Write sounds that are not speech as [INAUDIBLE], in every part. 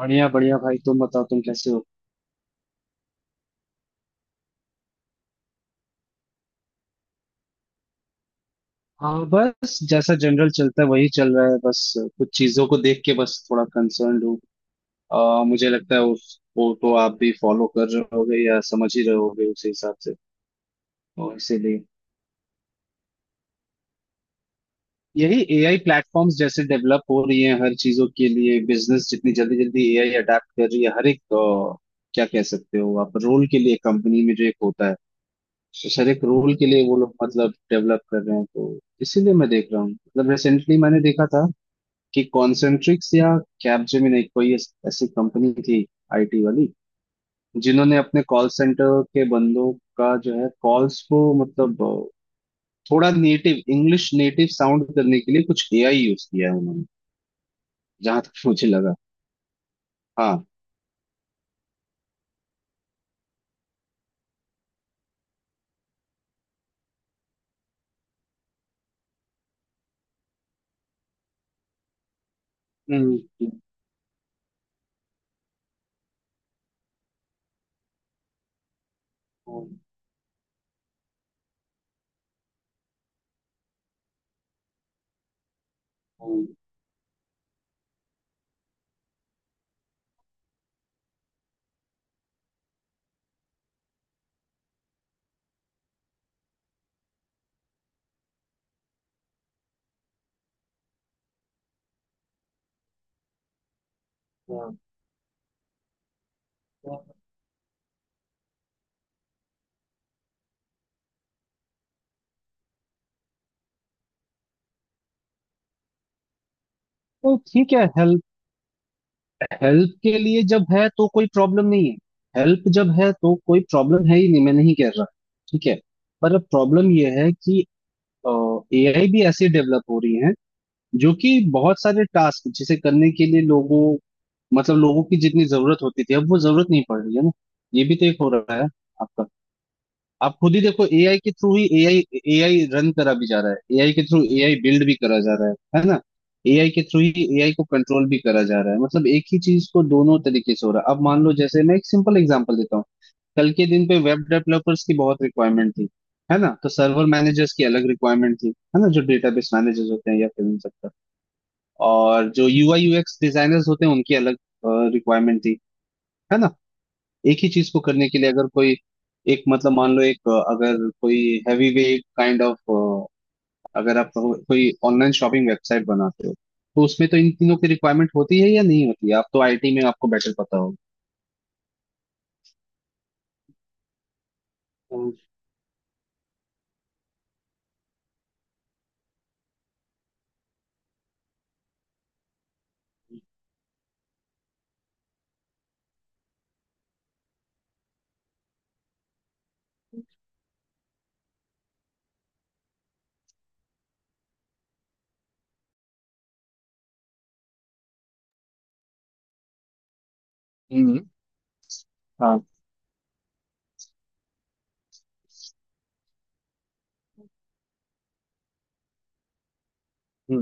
बढ़िया बढ़िया भाई, तुम बताओ तुम कैसे हो। हाँ, बस जैसा जनरल चलता है वही चल रहा है बस। कुछ चीजों को देख के बस थोड़ा कंसर्न हूँ। मुझे लगता है उस वो तो आप भी फॉलो कर रहे होगे या समझ ही रहे होगे उसी हिसाब से, और इसीलिए यही एआई प्लेटफॉर्म्स जैसे डेवलप हो रही हैं हर चीजों के लिए। बिजनेस जितनी जल्दी जल्दी एआई अडेप्ट कर रही है हर एक, क्या कह सकते हो आप, रोल के लिए कंपनी में जो एक होता है उस हर एक रोल के लिए, वो लोग मतलब डेवलप कर रहे हैं। तो इसीलिए मैं देख रहा हूँ, मतलब रिसेंटली मैंने देखा था कि कॉन्सेंट्रिक्स या कैपजेमिनी, कोई ऐसी कंपनी थी, आईटी वाली, जिन्होंने अपने कॉल सेंटर के बंदों का जो है कॉल्स को मतलब, थोड़ा नेटिव इंग्लिश, नेटिव साउंड करने के लिए कुछ एआई यूज किया है उन्होंने, जहां तक मुझे लगा। हाँ। हम्म हम्म, हम्म, हाँ। तो ठीक है, हेल्प हेल्प के लिए जब है तो कोई प्रॉब्लम नहीं है। हेल्प जब है तो कोई प्रॉब्लम है ही नहीं, मैं नहीं कह रहा। ठीक है। पर अब प्रॉब्लम यह है कि एआई भी ऐसे डेवलप हो रही हैं, जो कि बहुत सारे टास्क जिसे करने के लिए लोगों, मतलब लोगों की जितनी जरूरत होती थी, अब वो जरूरत नहीं पड़ रही है ना। ये भी तो एक हो रहा है आपका। आप खुद ही देखो, एआई के थ्रू ही एआई, एआई रन करा भी जा रहा है, एआई के थ्रू एआई बिल्ड भी करा जा रहा है ना। एआई के थ्रू ही एआई को कंट्रोल भी करा जा रहा है। मतलब एक ही चीज को दोनों तरीके से हो रहा है। अब मान लो, जैसे मैं एक सिंपल एग्जांपल देता हूँ। कल के दिन पे वेब डेवलपर्स की बहुत रिक्वायरमेंट थी, है ना, तो सर्वर मैनेजर्स की अलग रिक्वायरमेंट थी, है ना। जो डेटाबेस मैनेजर्स होते हैं या फिल्म सकता, और जो यूआई यूएक्स डिजाइनर्स होते हैं उनकी अलग रिक्वायरमेंट थी, है ना। एक ही चीज को करने के लिए, अगर कोई एक, मतलब मान लो एक, अगर कोई हैवी वेट काइंड ऑफ, अगर आप कहो, कोई ऑनलाइन शॉपिंग वेबसाइट बनाते हो, तो उसमें तो इन तीनों की रिक्वायरमेंट होती है या नहीं होती है? आप तो आईटी में, आपको बेटर पता होगा। हम्म। हाँ।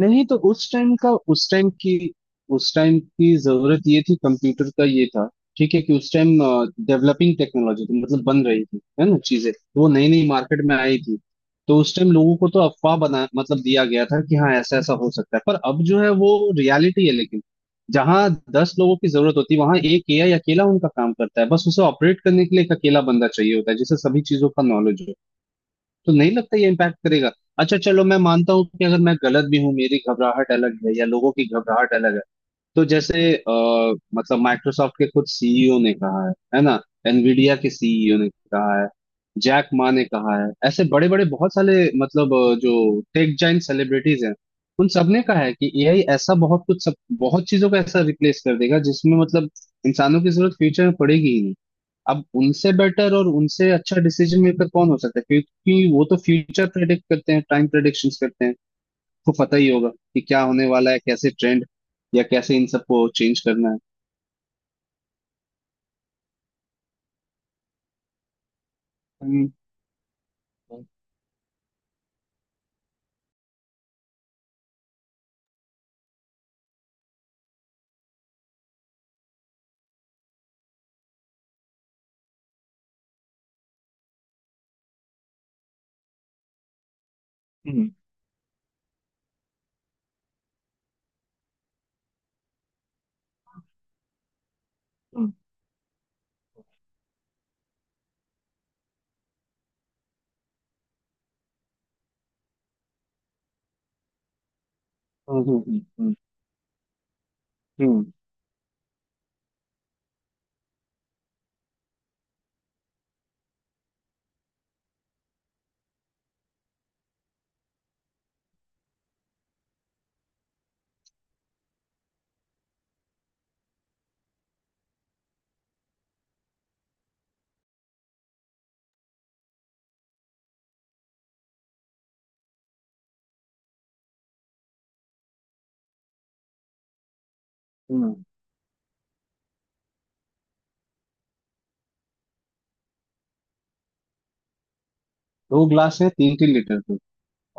नहीं, तो उस टाइम की जरूरत ये थी, कंप्यूटर का ये था। ठीक है, कि उस टाइम डेवलपिंग टेक्नोलॉजी थी, मतलब बन रही थी, है ना चीजें, तो वो नई नई मार्केट में आई थी। तो उस टाइम लोगों को तो अफवाह बना, मतलब दिया गया था कि हाँ ऐसा ऐसा हो सकता है, पर अब जो है वो रियलिटी है। लेकिन जहाँ 10 लोगों की जरूरत होती है, वहां एक एआई अकेला उनका काम करता है, बस उसे ऑपरेट करने के लिए एक अकेला बंदा चाहिए होता है, जिसे सभी चीजों का नॉलेज हो। तो नहीं लगता ये इम्पैक्ट करेगा? अच्छा चलो, मैं मानता हूँ कि अगर मैं गलत भी हूँ, मेरी घबराहट अलग है या लोगों की घबराहट अलग है, तो जैसे, मतलब माइक्रोसॉफ्ट के खुद सीईओ ने कहा है ना, एनवीडिया के सीईओ ने कहा है, जैक मा ने कहा है। ऐसे बड़े बड़े बहुत सारे, मतलब जो टेक जाइंट सेलिब्रिटीज हैं, उन सबने कहा है कि एआई ऐसा बहुत कुछ सब, बहुत चीजों को ऐसा रिप्लेस कर देगा जिसमें, मतलब, इंसानों की जरूरत फ्यूचर में पड़ेगी ही। अब उनसे बेटर और उनसे अच्छा डिसीजन मेकर कौन हो सकता है, क्योंकि वो तो फ्यूचर प्रेडिक्ट करते हैं, टाइम प्रेडिक्शंस करते हैं, तो पता ही होगा कि क्या होने वाला है, कैसे ट्रेंड या कैसे इन सबको चेंज करना है। हम्म हम्म हम्म, हम्म, हम्म। दो ग्लास है तीन तीन लीटर के,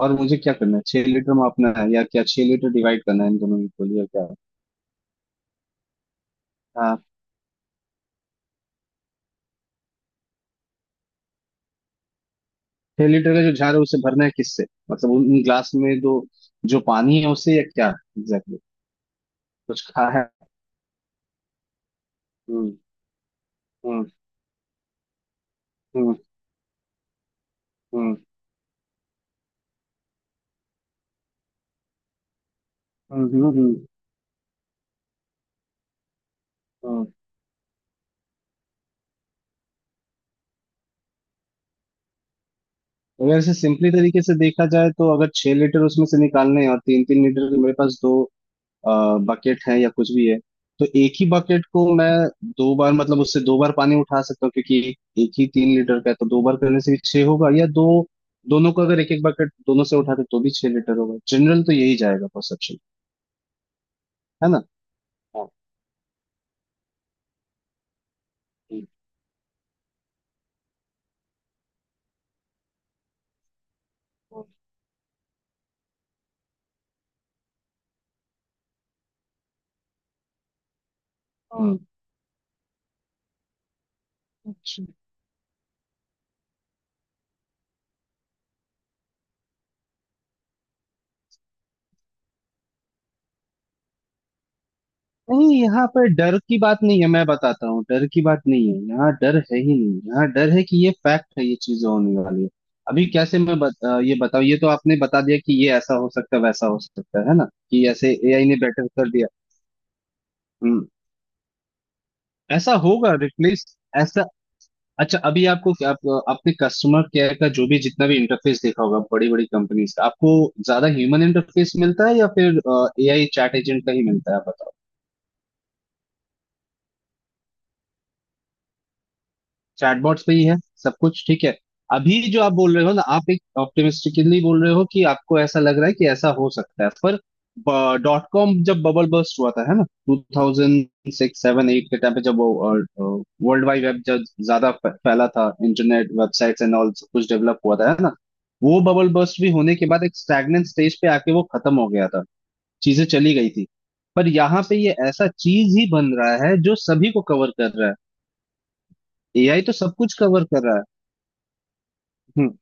और मुझे क्या करना है, छह लीटर मापना है या क्या, 6 लीटर डिवाइड करना है इन दोनों इक्वल, या क्या है? हाँ। छह लीटर का जो झार है उसे भरना है किससे? मतलब उन उन ग्लास में दो, जो पानी है उसे, या क्या? एग्जैक्टली। कुछ खा है? हम्म हम्म हम्म। हम्म हम्म हम्म, हम्म, हम्म। अगर इसे सिंपली तरीके से देखा जाए, तो अगर 6 लीटर उसमें से निकालने हैं और तीन तीन लीटर के मेरे पास दो बकेट है या कुछ भी है, तो एक ही बकेट को मैं दो बार, मतलब उससे दो बार पानी उठा सकता हूँ, क्योंकि एक ही 3 लीटर का है। तो दो बार करने से भी छह होगा, या दो, दोनों को अगर एक एक बकेट दोनों से उठाते तो भी 6 लीटर होगा। जनरल तो यही जाएगा परसेप्शन, है ना। हाँ, हम्म, हम्म। अच्छा। नहीं, यहाँ पे डर की बात नहीं है, मैं बताता हूँ। डर की बात नहीं है, यहाँ डर है ही नहीं। यहाँ डर है कि ये फैक्ट है, ये चीजें होने वाली है। अभी कैसे मैं ये बताऊँ? ये तो आपने बता दिया कि ये ऐसा हो सकता है, वैसा हो सकता है ना, कि ऐसे एआई ने बेटर कर दिया। हम्म। ऐसा होगा रिप्लेस, ऐसा। अच्छा, अभी आपको आपने कस्टमर केयर का जो भी जितना भी इंटरफेस देखा होगा बड़ी बड़ी कंपनीज का, आपको ज्यादा ह्यूमन इंटरफेस मिलता है या फिर एआई चैट एजेंट का ही मिलता है, आप बताओ। चैटबॉट्स पे ही है सब कुछ, ठीक है। अभी जो आप बोल रहे हो ना, आप एक ऑप्टिमिस्टिकली बोल रहे हो कि आपको ऐसा लग रहा है कि ऐसा हो सकता है, पर डॉट कॉम जब बबल बर्स्ट हुआ था, है ना, 2006-07-08 के टाइम पे, जब वो वर्ल्ड वाइड वेब जब ज्यादा फैला था, इंटरनेट वेबसाइट्स एंड ऑल सब कुछ डेवलप हुआ था, है ना, वो बबल बर्स्ट भी होने के बाद एक स्टैग्नेंट स्टेज पे आके वो खत्म हो गया था। चीजें चली गई थी। पर यहाँ पे ये ऐसा चीज ही बन रहा है जो सभी को कवर कर रहा है। एआई तो सब कुछ कवर कर रहा है। हम्म।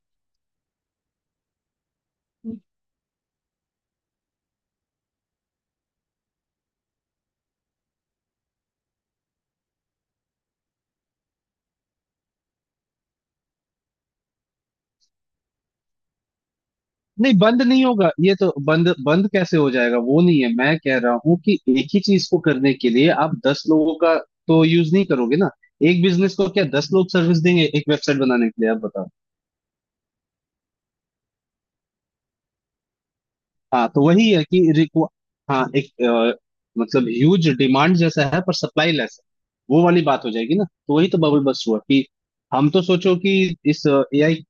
नहीं, बंद नहीं होगा ये तो, बंद बंद कैसे हो जाएगा? वो नहीं है। मैं कह रहा हूँ कि एक ही चीज को करने के लिए आप 10 लोगों का तो यूज नहीं करोगे ना। एक बिजनेस को क्या 10 लोग सर्विस देंगे एक वेबसाइट बनाने के लिए, आप बताओ। हाँ, तो वही है कि रिक्वा, हाँ एक, मतलब ह्यूज डिमांड जैसा है पर सप्लाई लेस है। वो वाली बात हो जाएगी ना, तो वही तो बबल बस हुआ कि हम तो सोचो, कि इस एआई।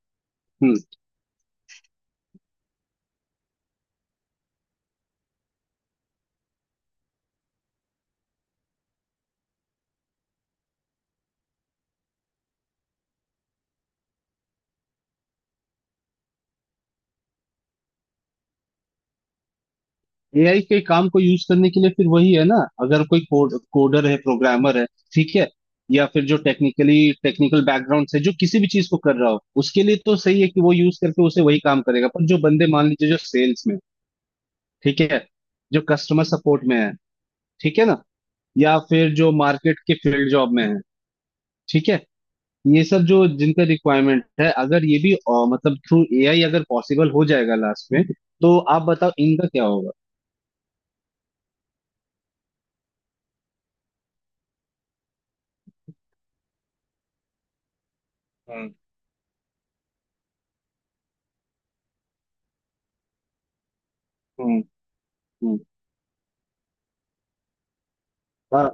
एआई के काम को यूज करने के लिए फिर वही है ना, अगर कोई कोडर है, प्रोग्रामर है, ठीक है, या फिर जो टेक्निकल बैकग्राउंड से जो किसी भी चीज को कर रहा हो, उसके लिए तो सही है कि वो यूज करके उसे वही काम करेगा। पर जो बंदे, मान लीजिए जो सेल्स में, ठीक है, जो कस्टमर सपोर्ट में है, ठीक है ना, या फिर जो मार्केट के फील्ड जॉब में है, ठीक है, ये सब जो जिनका रिक्वायरमेंट है, अगर ये भी, मतलब थ्रू एआई अगर पॉसिबल हो जाएगा लास्ट में, तो आप बताओ इनका क्या होगा? हम्म हम्म हम्म, हाँ।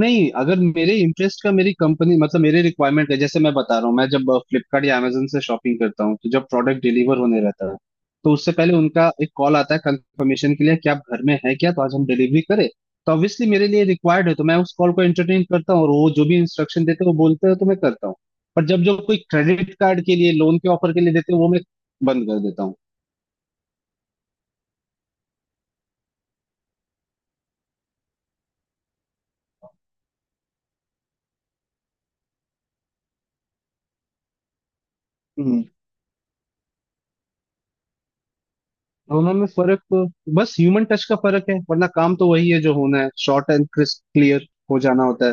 नहीं, अगर मेरे इंटरेस्ट का, मेरी कंपनी मतलब मेरे रिक्वायरमेंट का, जैसे मैं बता रहा हूँ, मैं जब फ्लिपकार्ट या Amazon से शॉपिंग करता हूँ, तो जब प्रोडक्ट डिलीवर होने रहता है, तो उससे पहले उनका एक कॉल आता है कंफर्मेशन के लिए कि आप घर में है क्या, तो आज हम डिलीवरी करें। तो ऑब्वियसली मेरे लिए रिक्वायर्ड है, तो मैं उस कॉल को एंटरटेन करता हूँ, और वो जो भी इंस्ट्रक्शन देते हैं वो बोलते हैं तो मैं करता हूँ। पर जब जो कोई क्रेडिट कार्ड के लिए, लोन के ऑफर के लिए देते हैं, वो मैं बंद कर देता हूँ। हम्म। दोनों में फर्क बस ह्यूमन टच का फर्क है, वरना काम तो वही है जो होना है, शॉर्ट एंड क्रिस्प क्लियर हो जाना होता है।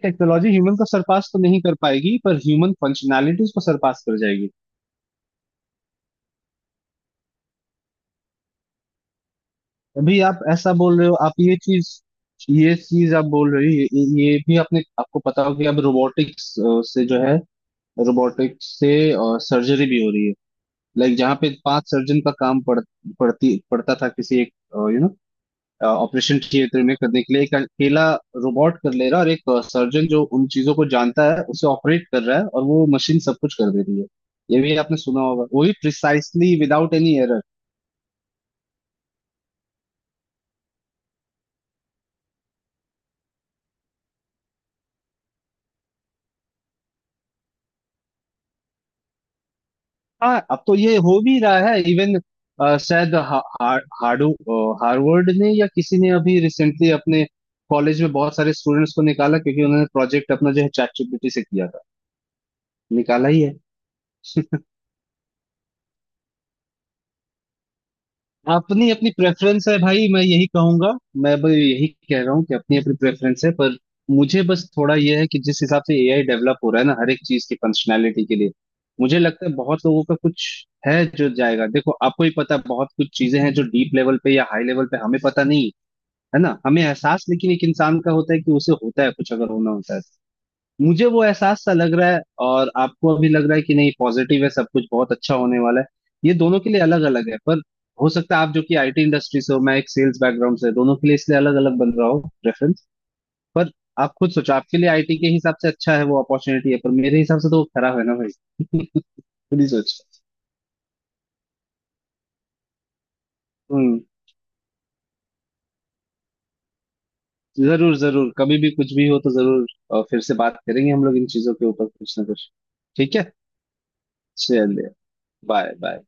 टेक्नोलॉजी ह्यूमन को सरपास तो नहीं कर पाएगी, पर ह्यूमन फंक्शनैलिटीज को सरपास कर जाएगी। अभी आप ऐसा बोल रहे हो, आप ये चीज आप बोल रहे हो, ये भी। आपने, आपको पता हो कि अब रोबोटिक्स से जो है, रोबोटिक्स से सर्जरी भी हो रही है। लाइक जहाँ पे 5 सर्जन का काम पड़ता था किसी एक, यू नो, ऑपरेशन थिएटर में करने के लिए, एक अकेला रोबोट कर ले रहा है, और एक सर्जन जो उन चीजों को जानता है उसे ऑपरेट कर रहा है, और वो मशीन सब कुछ कर दे रही है। ये भी आपने सुना होगा, वो भी प्रिसाइसली विदाउट एनी एरर। हाँ, अब तो ये हो भी रहा है इवन, शायद हा, हा, हाडू हार्वर्ड ने या किसी ने अभी रिसेंटली अपने कॉलेज में बहुत सारे स्टूडेंट्स को निकाला क्योंकि उन्होंने प्रोजेक्ट अपना जो है चैट जीपीटी से किया था। निकाला ही है। अपनी अपनी प्रेफरेंस है भाई, मैं यही कहूंगा। मैं भी यही कह रहा हूँ कि अपनी अपनी प्रेफरेंस है, पर मुझे बस थोड़ा यह है कि जिस हिसाब से एआई डेवलप हो रहा है ना हर एक चीज की फंक्शनैलिटी के लिए, मुझे लगता है बहुत लोगों का कुछ है जो जाएगा। देखो, आपको ही पता है, बहुत कुछ चीजें हैं जो डीप लेवल पे या हाई लेवल पे हमें पता नहीं, है ना, हमें एहसास, लेकिन एक इंसान का होता है कि उसे होता है कुछ अगर होना होता है तो। मुझे वो एहसास सा लग रहा है, और आपको अभी लग रहा है कि नहीं, पॉजिटिव है सब कुछ, बहुत अच्छा होने वाला है। ये दोनों के लिए अलग अलग है, पर हो सकता है आप जो कि आईटी इंडस्ट्री से हो, मैं एक सेल्स बैकग्राउंड से, दोनों के लिए इसलिए अलग अलग बन रहा हो रेफरेंस, पर आप खुद सोचो, आपके लिए आईटी के हिसाब से अच्छा है, वो अपॉर्चुनिटी है, पर मेरे हिसाब से तो वो खराब है ना भाई। [LAUGHS] खुद ही सोचो। हम्म। जरूर जरूर, कभी भी कुछ भी हो तो जरूर, फिर से बात करेंगे हम लोग इन चीजों के ऊपर कुछ ना कुछ। ठीक है, चलिए। Bye bye.